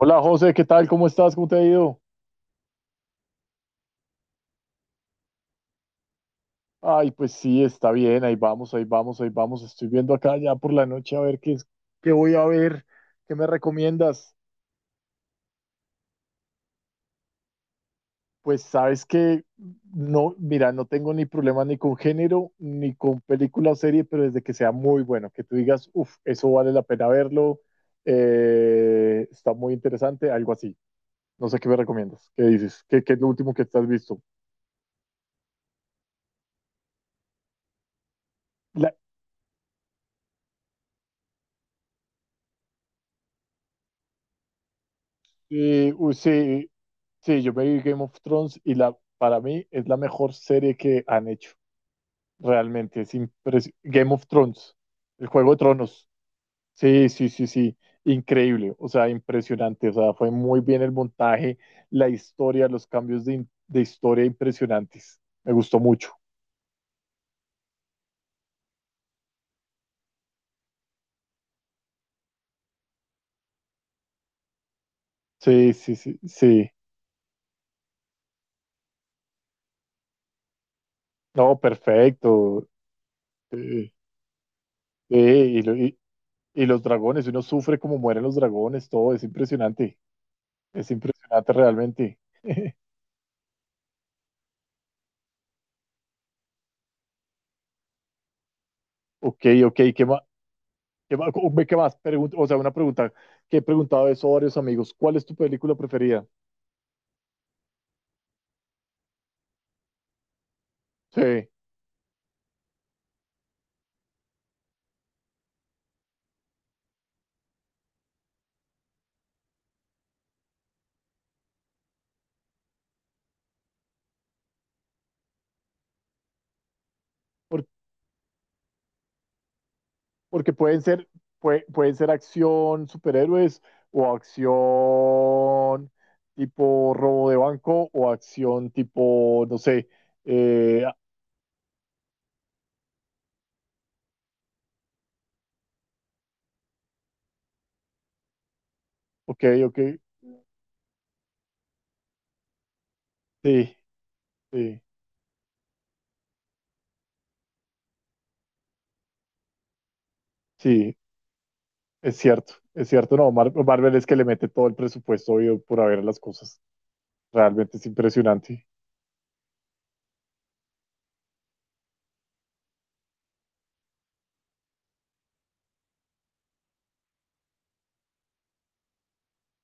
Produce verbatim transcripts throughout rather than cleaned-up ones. Hola José, ¿qué tal? ¿Cómo estás? ¿Cómo te ha ido? Ay, pues sí, está bien, ahí vamos, ahí vamos, ahí vamos. Estoy viendo acá ya por la noche a ver qué es, qué voy a ver, qué me recomiendas. Pues sabes que no, mira, no tengo ni problema ni con género, ni con película o serie, pero desde que sea muy bueno, que tú digas, uff, eso vale la pena verlo, eh, está muy interesante, algo así. No sé qué me recomiendas, qué dices, qué, qué es lo último que estás visto. La, eh, uy, sí, sí, yo me vi Game of Thrones y la, para mí es la mejor serie que han hecho. Realmente es impres- Game of Thrones, el Juego de Tronos. Sí, sí, sí, sí. Increíble, o sea, impresionante. O sea, fue muy bien el montaje, la historia, los cambios de, in- de historia impresionantes. Me gustó mucho. Sí, sí, sí, sí. No, perfecto. Sí, sí, y, lo- y- y los dragones, uno sufre como mueren los dragones, todo es impresionante. Es impresionante realmente. Ok, ok, ¿qué más? ¿Qué más? ¿Qué más? Pregun- o sea, una pregunta que he preguntado eso a varios amigos. ¿Cuál es tu película preferida? Sí, por- porque pueden ser, pue- pueden ser acción superhéroes o acción tipo robo de banco o acción tipo, no sé, eh, ah, ok, ok, sí, sí, sí, es cierto, es cierto, no, Mar- Marvel es que le mete todo el presupuesto obvio, por haber las cosas. Realmente es impresionante.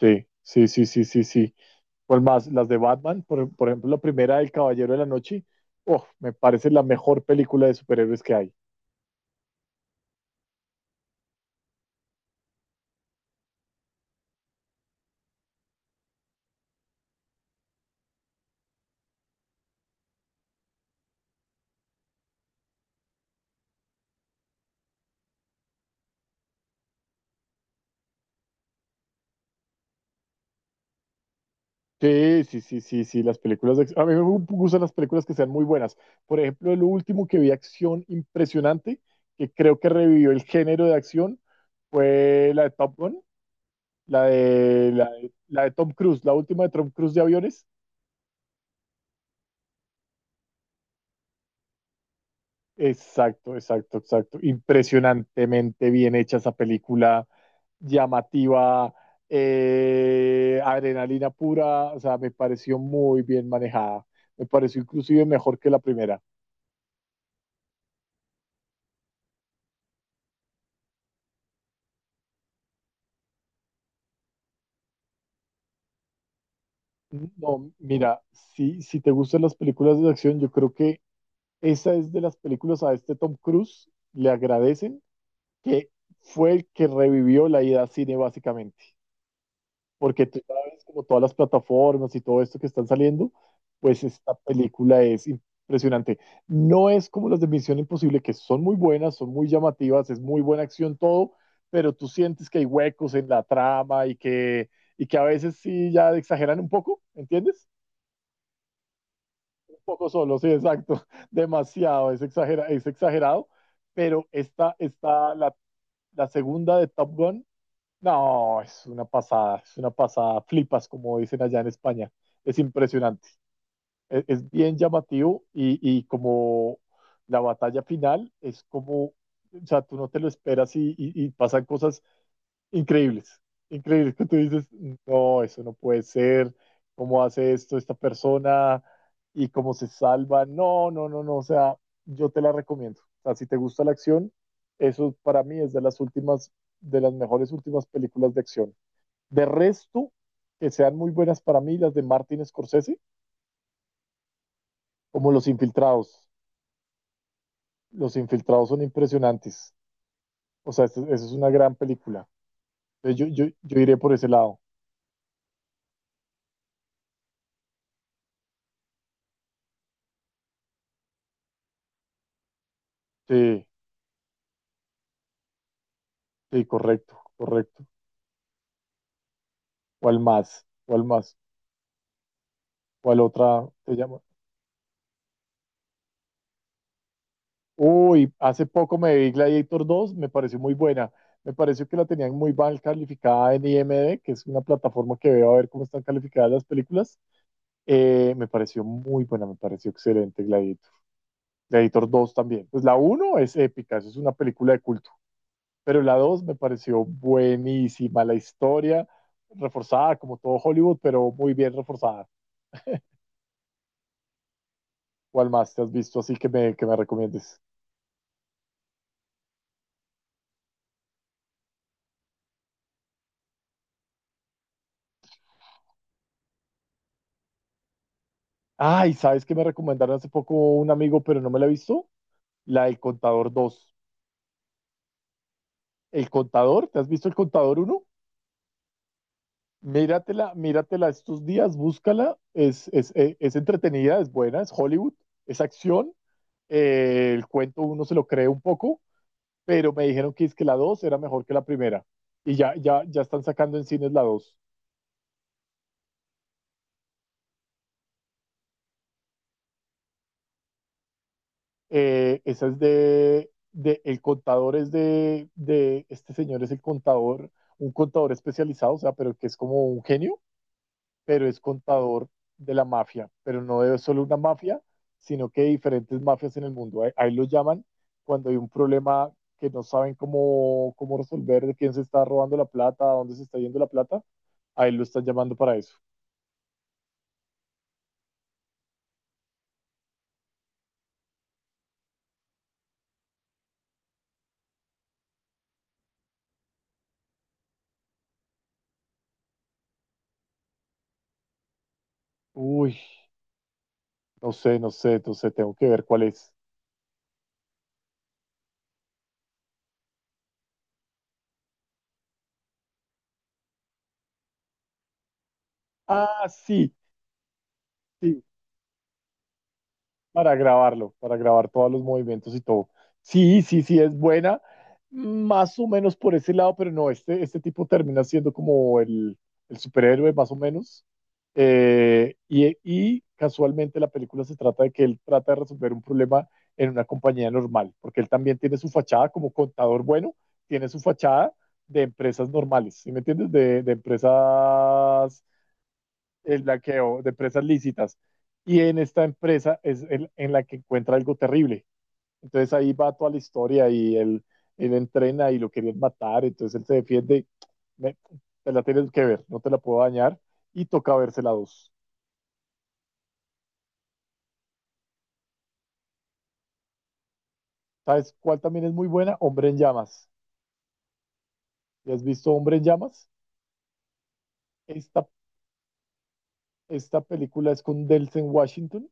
Sí, sí, sí, sí, sí, sí. ¿Cuál más? Las de Batman, por, por ejemplo, la primera del Caballero de la Noche, oh, me parece la mejor película de superhéroes que hay. Sí, sí, sí, sí, sí, las películas de ac- a mí me gu- gustan las películas que sean muy buenas. Por ejemplo, el último que vi acción impresionante, que creo que revivió el género de acción, fue la de Top Gun, la de, la de, la de Tom Cruise, la última de Tom Cruise de aviones. Exacto, exacto, exacto. Impresionantemente bien hecha esa película, llamativa, eh, adrenalina pura, o sea, me pareció muy bien manejada. Me pareció inclusive mejor que la primera. No, mira, si, si te gustan las películas de acción, yo creo que esa es de las películas a este Tom Cruise, le agradecen que fue el que revivió la idea al cine básicamente. Porque tú sabes, como todas las plataformas y todo esto que están saliendo, pues esta película es impresionante. No es como las de Misión Imposible, que son muy buenas, son muy llamativas, es muy buena acción todo, pero tú sientes que hay huecos en la trama y que, y que a veces sí ya exageran un poco, ¿entiendes? Un poco solo, sí, exacto, demasiado, es, exagera- es exagerado, pero esta, esta la, la segunda de Top Gun no, es una pasada, es una pasada, flipas, como dicen allá en España. Es impresionante, es, es bien llamativo y, y como la batalla final es como, o sea, tú no te lo esperas y, y- y pasan cosas increíbles, increíbles que tú dices, no, eso no puede ser, cómo hace esto esta persona y cómo se salva, no, no, no, no, o sea, yo te la recomiendo. O sea, si te gusta la acción, eso para mí es de las últimas, de las mejores últimas películas de acción. De resto, que sean muy buenas para mí las de Martin Scorsese, como Los Infiltrados. Los Infiltrados son impresionantes. O sea, esa es una gran película. Entonces Yo, yo, yo iré por ese lado. Sí, sí, correcto, correcto. ¿Cuál más? ¿Cuál más? ¿Cuál otra te llama? Uy, hace poco me vi Gladiator dos, me pareció muy buena. Me pareció que la tenían muy mal calificada en I M D B, que es una plataforma que veo a ver cómo están calificadas las películas. Eh, me pareció muy buena, me pareció excelente Gladiator. Gladiator dos también. Pues la uno es épica, es una película de culto, pero la dos me pareció buenísima, la historia reforzada como todo Hollywood, pero muy bien reforzada. ¿Cuál más te has visto así que me, que me recomiendes? Ay, ¿sabes que me recomendaron hace poco un amigo, pero no me la he visto? La del Contador dos. ¿El Contador? ¿Te has visto El Contador uno? Míratela, míratela estos días, búscala. Es, es, es, es entretenida, es buena, es Hollywood, es acción. Eh, el cuento uno se lo cree un poco, pero me dijeron que es que la dos era mejor que la primera. Y ya, ya, ya están sacando en cines la dos. Eh, esa es de, de, el contador es de, de, este señor es el contador, un contador especializado, o sea, pero que es como un genio, pero es contador de la mafia, pero no de solo una mafia, sino que de diferentes mafias en el mundo. Ahí, ahí lo llaman cuando hay un problema que no saben cómo, cómo resolver, de quién se está robando la plata, a dónde se está yendo la plata, ahí lo están llamando para eso. Uy, no sé, no sé, entonces tengo que ver cuál es. Ah, sí, sí, para grabarlo, para grabar todos los movimientos y todo. Sí, sí, sí, es buena, más o menos por ese lado, pero no, este, este tipo termina siendo como el, el superhéroe, más o menos. Eh, y, y casualmente la película se trata de que él trata de resolver un problema en una compañía normal, porque él también tiene su fachada como contador bueno, tiene su fachada de empresas normales, ¿sí me entiendes? De, de empresas, el blanqueo de empresas lícitas. Y en esta empresa es el, en la que encuentra algo terrible. Entonces ahí va toda la historia y él, él entrena y lo querían matar, entonces él se defiende. Me, Te la tienes que ver, no te la puedo dañar. Y toca verse la dos. ¿Sabes cuál también es muy buena? Hombre en llamas. ¿Ya has visto Hombre en llamas? Esta, esta película es con Delsen Washington.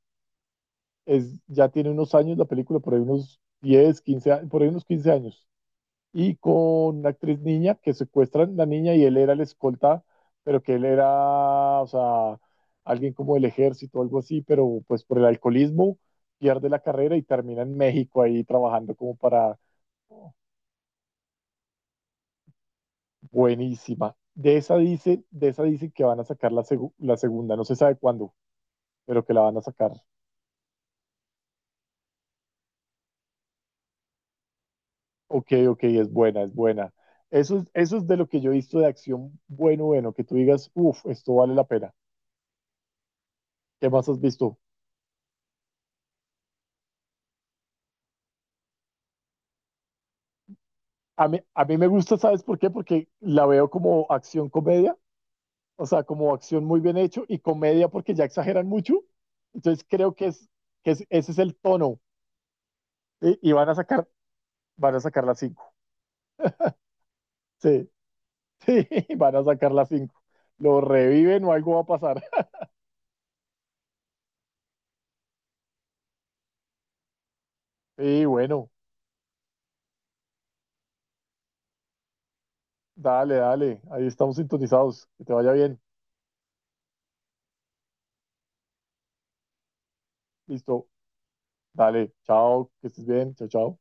Es, ya tiene unos años la película, por ahí unos diez, quince, por ahí unos quince años. Y con una actriz niña que secuestran la niña y él era el escolta, pero que él era, o sea, alguien como del ejército o algo así, pero pues por el alcoholismo pierde la carrera y termina en México ahí trabajando como para. Buenísima. De esa dice, de esa dicen que van a sacar la, segu- la segunda, no se sabe cuándo, pero que la van a sacar. Ok, ok, es buena, es buena. Eso es, eso es de lo que yo he visto de acción bueno, bueno, que tú digas, uff, esto vale la pena. ¿Qué más has visto? A mí, a mí me gusta, ¿sabes por qué? Porque la veo como acción comedia, o sea, como acción muy bien hecho y comedia porque ya exageran mucho. Entonces creo que es que es- ese es el tono, ¿sí? Y van a sacar, van a sacar las cinco. Sí, sí, van a sacar las cinco. Lo reviven o algo va a pasar. Sí, bueno, dale, dale. Ahí estamos sintonizados. Que te vaya bien. Listo. Dale. Chao. Que estés bien. Chao, chao.